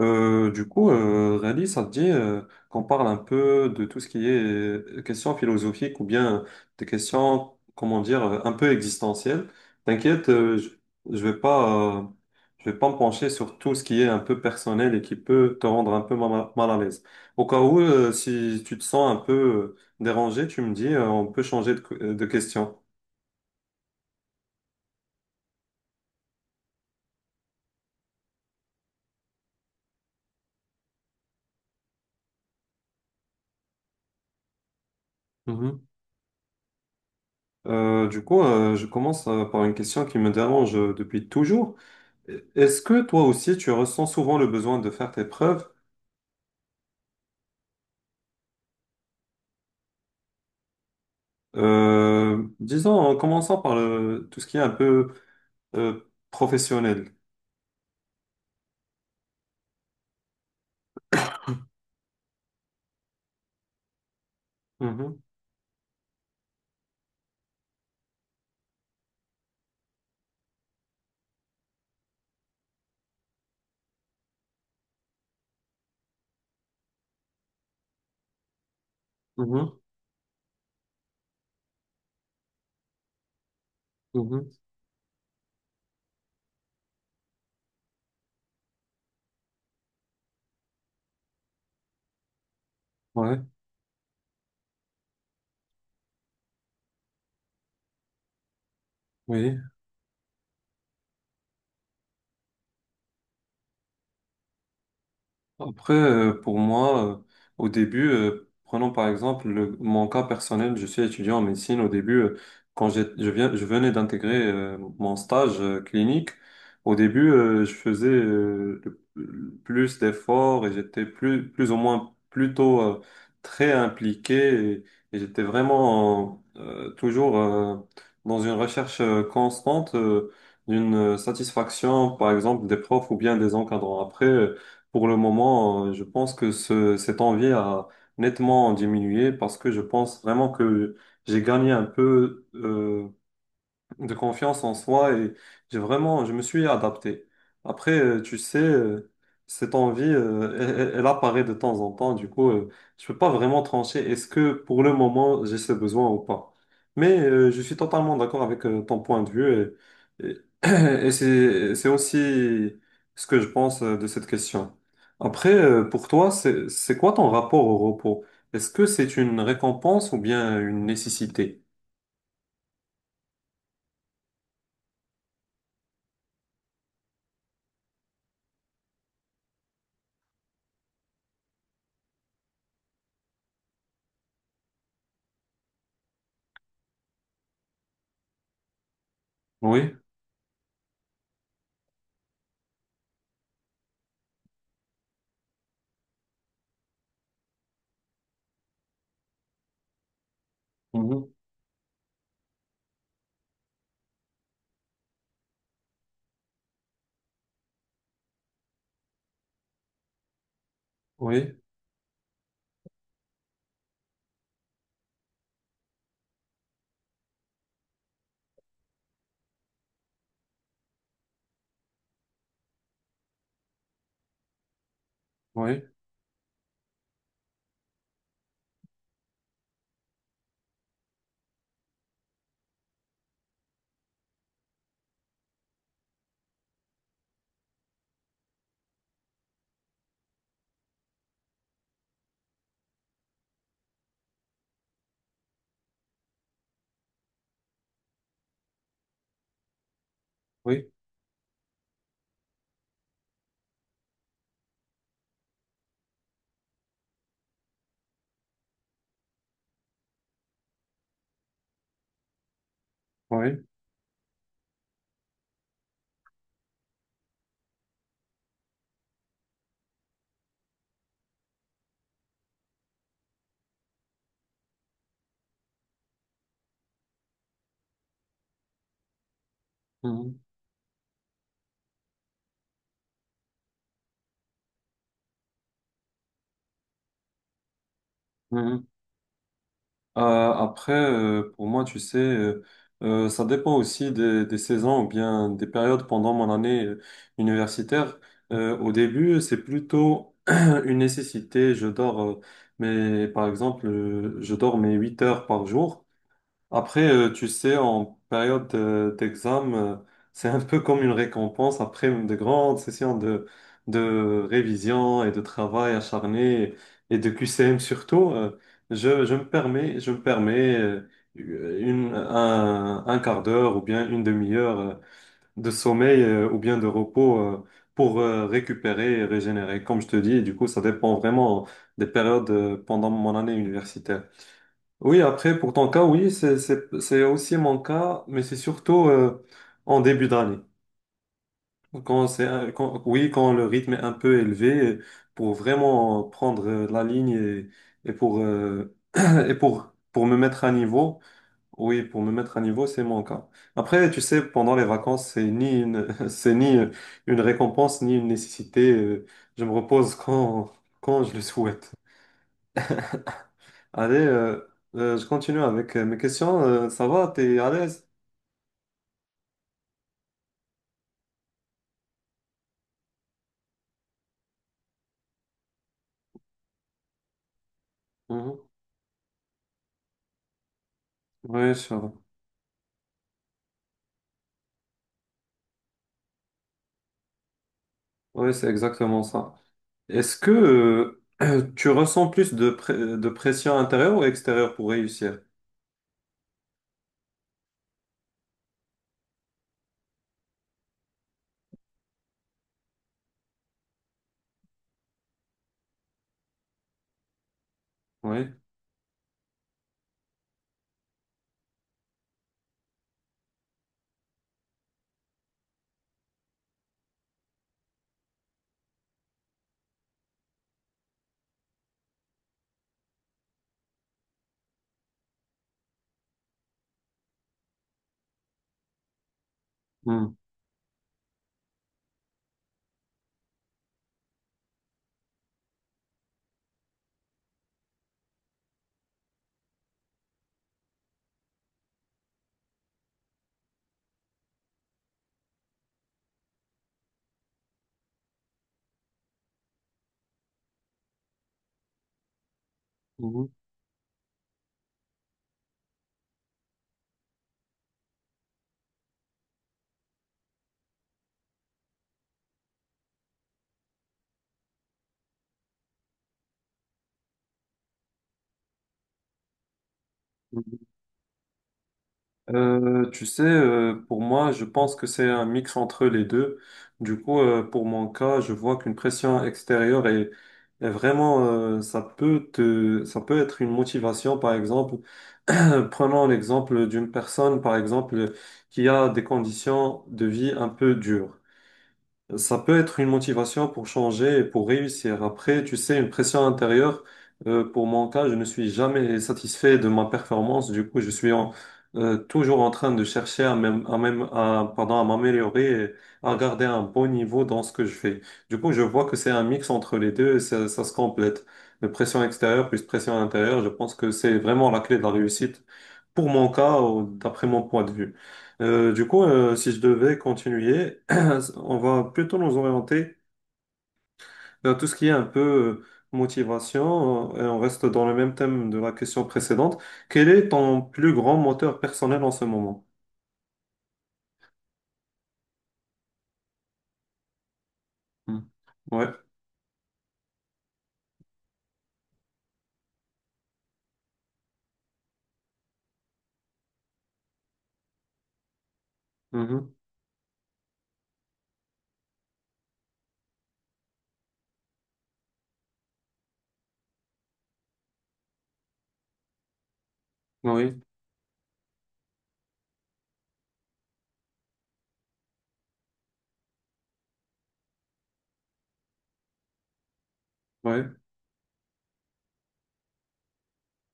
Rally, ça te dit qu'on parle un peu de tout ce qui est questions philosophiques ou bien des questions, comment dire, un peu existentielles. T'inquiète, je vais pas, euh, je vais pas me pencher sur tout ce qui est un peu personnel et qui peut te rendre un peu mal à l'aise. Au cas où, si tu te sens un peu dérangé, tu me dis, on peut changer de question. Mhm. Je commence par une question qui me dérange depuis toujours. Est-ce que toi aussi tu ressens souvent le besoin de faire tes preuves? Disons en commençant par tout ce qui est un peu euh, professionnel. Mhm, mhm, mhm. Ouais, oui. Après, pour moi, au début, prenons par exemple mon cas personnel, je suis étudiant en médecine. Au début, quand je venais d'intégrer mon stage clinique, au début, je faisais plus d'efforts et j'étais plus ou moins plutôt très impliqué et, et j'étais vraiment toujours dans une recherche constante d'une satisfaction, par exemple, des profs ou bien des encadrants. Après, pour le moment, je pense que cette envie a nettement diminué parce que je pense vraiment que j'ai gagné un peu. De confiance en soi et je me suis adapté. Après, tu sais, cette envie, elle apparaît de temps en temps. Du coup, je peux pas vraiment trancher est-ce que pour le moment j'ai ce besoin ou pas. Mais je suis totalement d'accord avec ton point de vue et et c'est aussi ce que je pense de cette question. Après, pour toi, c'est quoi ton rapport au repos? Est-ce que c'est une récompense ou bien une nécessité? Oui. Mhm. Oui, oui. Oui, oui. Mhm, mhm. Après, pour moi, tu sais, ça dépend aussi des saisons ou bien des périodes pendant mon année universitaire. Au début, c'est plutôt une nécessité. Je dors, mais par exemple, je dors mes 8 heures par jour. Après, tu sais, en période d'examen, c'est un peu comme une récompense après de grandes sessions de révision et de travail acharné et de QCM surtout. Je me permets un quart d'heure ou bien une demi-heure de sommeil ou bien de repos pour récupérer et régénérer, comme je te dis. Et du coup, ça dépend vraiment des périodes pendant mon année universitaire. Oui, après, pour ton cas, oui, c'est aussi mon cas, mais c'est surtout en début d'année. Quand oui, quand le rythme est un peu élevé, pour vraiment prendre la ligne et pour, et pour me mettre à niveau, oui, pour me mettre à niveau, c'est mon cas. Après, tu sais, pendant les vacances, c'est ni une, c'est ni une récompense, ni une nécessité. Je me repose quand je le souhaite. Allez, je continue avec mes questions. Ça va, t'es à l'aise? Mhm. Oui, ça va. Oui, c'est exactement ça. Est-ce que tu ressens plus de pression intérieure ou extérieure pour réussir? Oui. Mhm. Mhm. Tu sais, pour moi, je pense que c'est un mix entre les deux. Du coup, pour mon cas, je vois qu'une pression extérieure est vraiment, ça peut te, ça peut être une motivation, par exemple, prenons l'exemple d'une personne, par exemple, qui a des conditions de vie un peu dures. Ça peut être une motivation pour changer et pour réussir. Après, tu sais, une pression intérieure, pour mon cas, je ne suis jamais satisfait de ma performance. Du coup, je suis toujours en train de chercher à, pardon, à m'améliorer et à garder un bon niveau dans ce que je fais. Du coup, je vois que c'est un mix entre les deux et ça se complète. Le pression extérieure plus pression intérieure, je pense que c'est vraiment la clé de la réussite pour mon cas, d'après mon point de vue. Si je devais continuer, on va plutôt nous orienter vers tout ce qui est un peu motivation, et on reste dans le même thème de la question précédente. Quel est ton plus grand moteur personnel en ce moment? Hmm. Ouais. Mhm. Oui. Oui.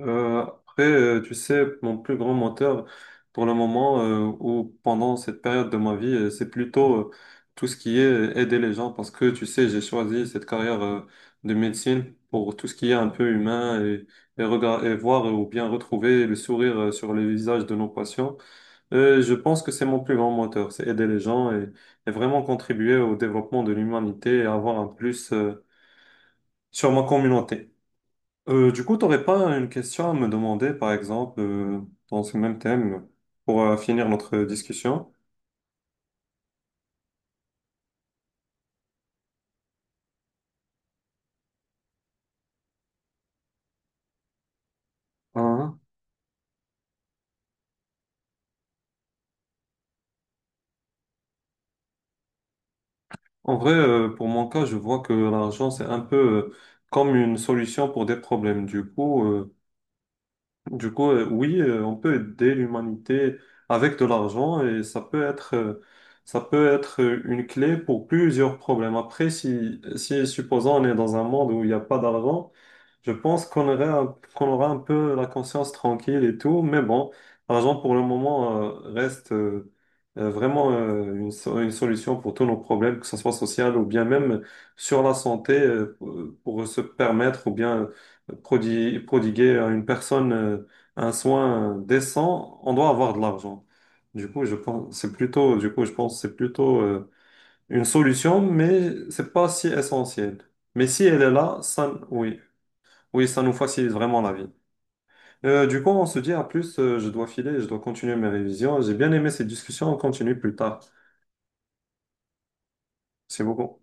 Après, tu sais, mon plus grand moteur pour le moment ou pendant cette période de ma vie, c'est plutôt tout ce qui est aider les gens parce que, tu sais, j'ai choisi cette carrière de médecine pour tout ce qui est un peu humain et et voir ou bien retrouver le sourire sur les visages de nos patients. Je pense que c'est mon plus grand moteur, c'est aider les gens et vraiment contribuer au développement de l'humanité et avoir un plus sur ma communauté. T'aurais pas une question à me demander, par exemple, dans ce même thème, pour finir notre discussion? Hein. En vrai, pour mon cas, je vois que l'argent, c'est un peu euh, comme une solution pour des problèmes. Du coup, oui, on peut aider l'humanité avec de l'argent et ça peut être une clé pour plusieurs problèmes. Après, si supposons on est dans un monde où il n'y a pas d'argent, je pense qu'on aura un peu la conscience tranquille et tout. Mais bon, l'argent pour le moment, reste, vraiment, une solution pour tous nos problèmes, que ce soit social ou bien même sur la santé, pour se permettre ou bien prodiguer à une personne, un soin décent, on doit avoir de l'argent. Du coup, je pense que c'est plutôt une solution, mais c'est pas si essentiel. Mais si elle est là, ça, oui, oui, ça nous facilite vraiment la vie. Du coup, on se dit à plus. Je dois filer, je dois continuer mes révisions. J'ai bien aimé cette discussion. On continue plus tard. C'est beaucoup.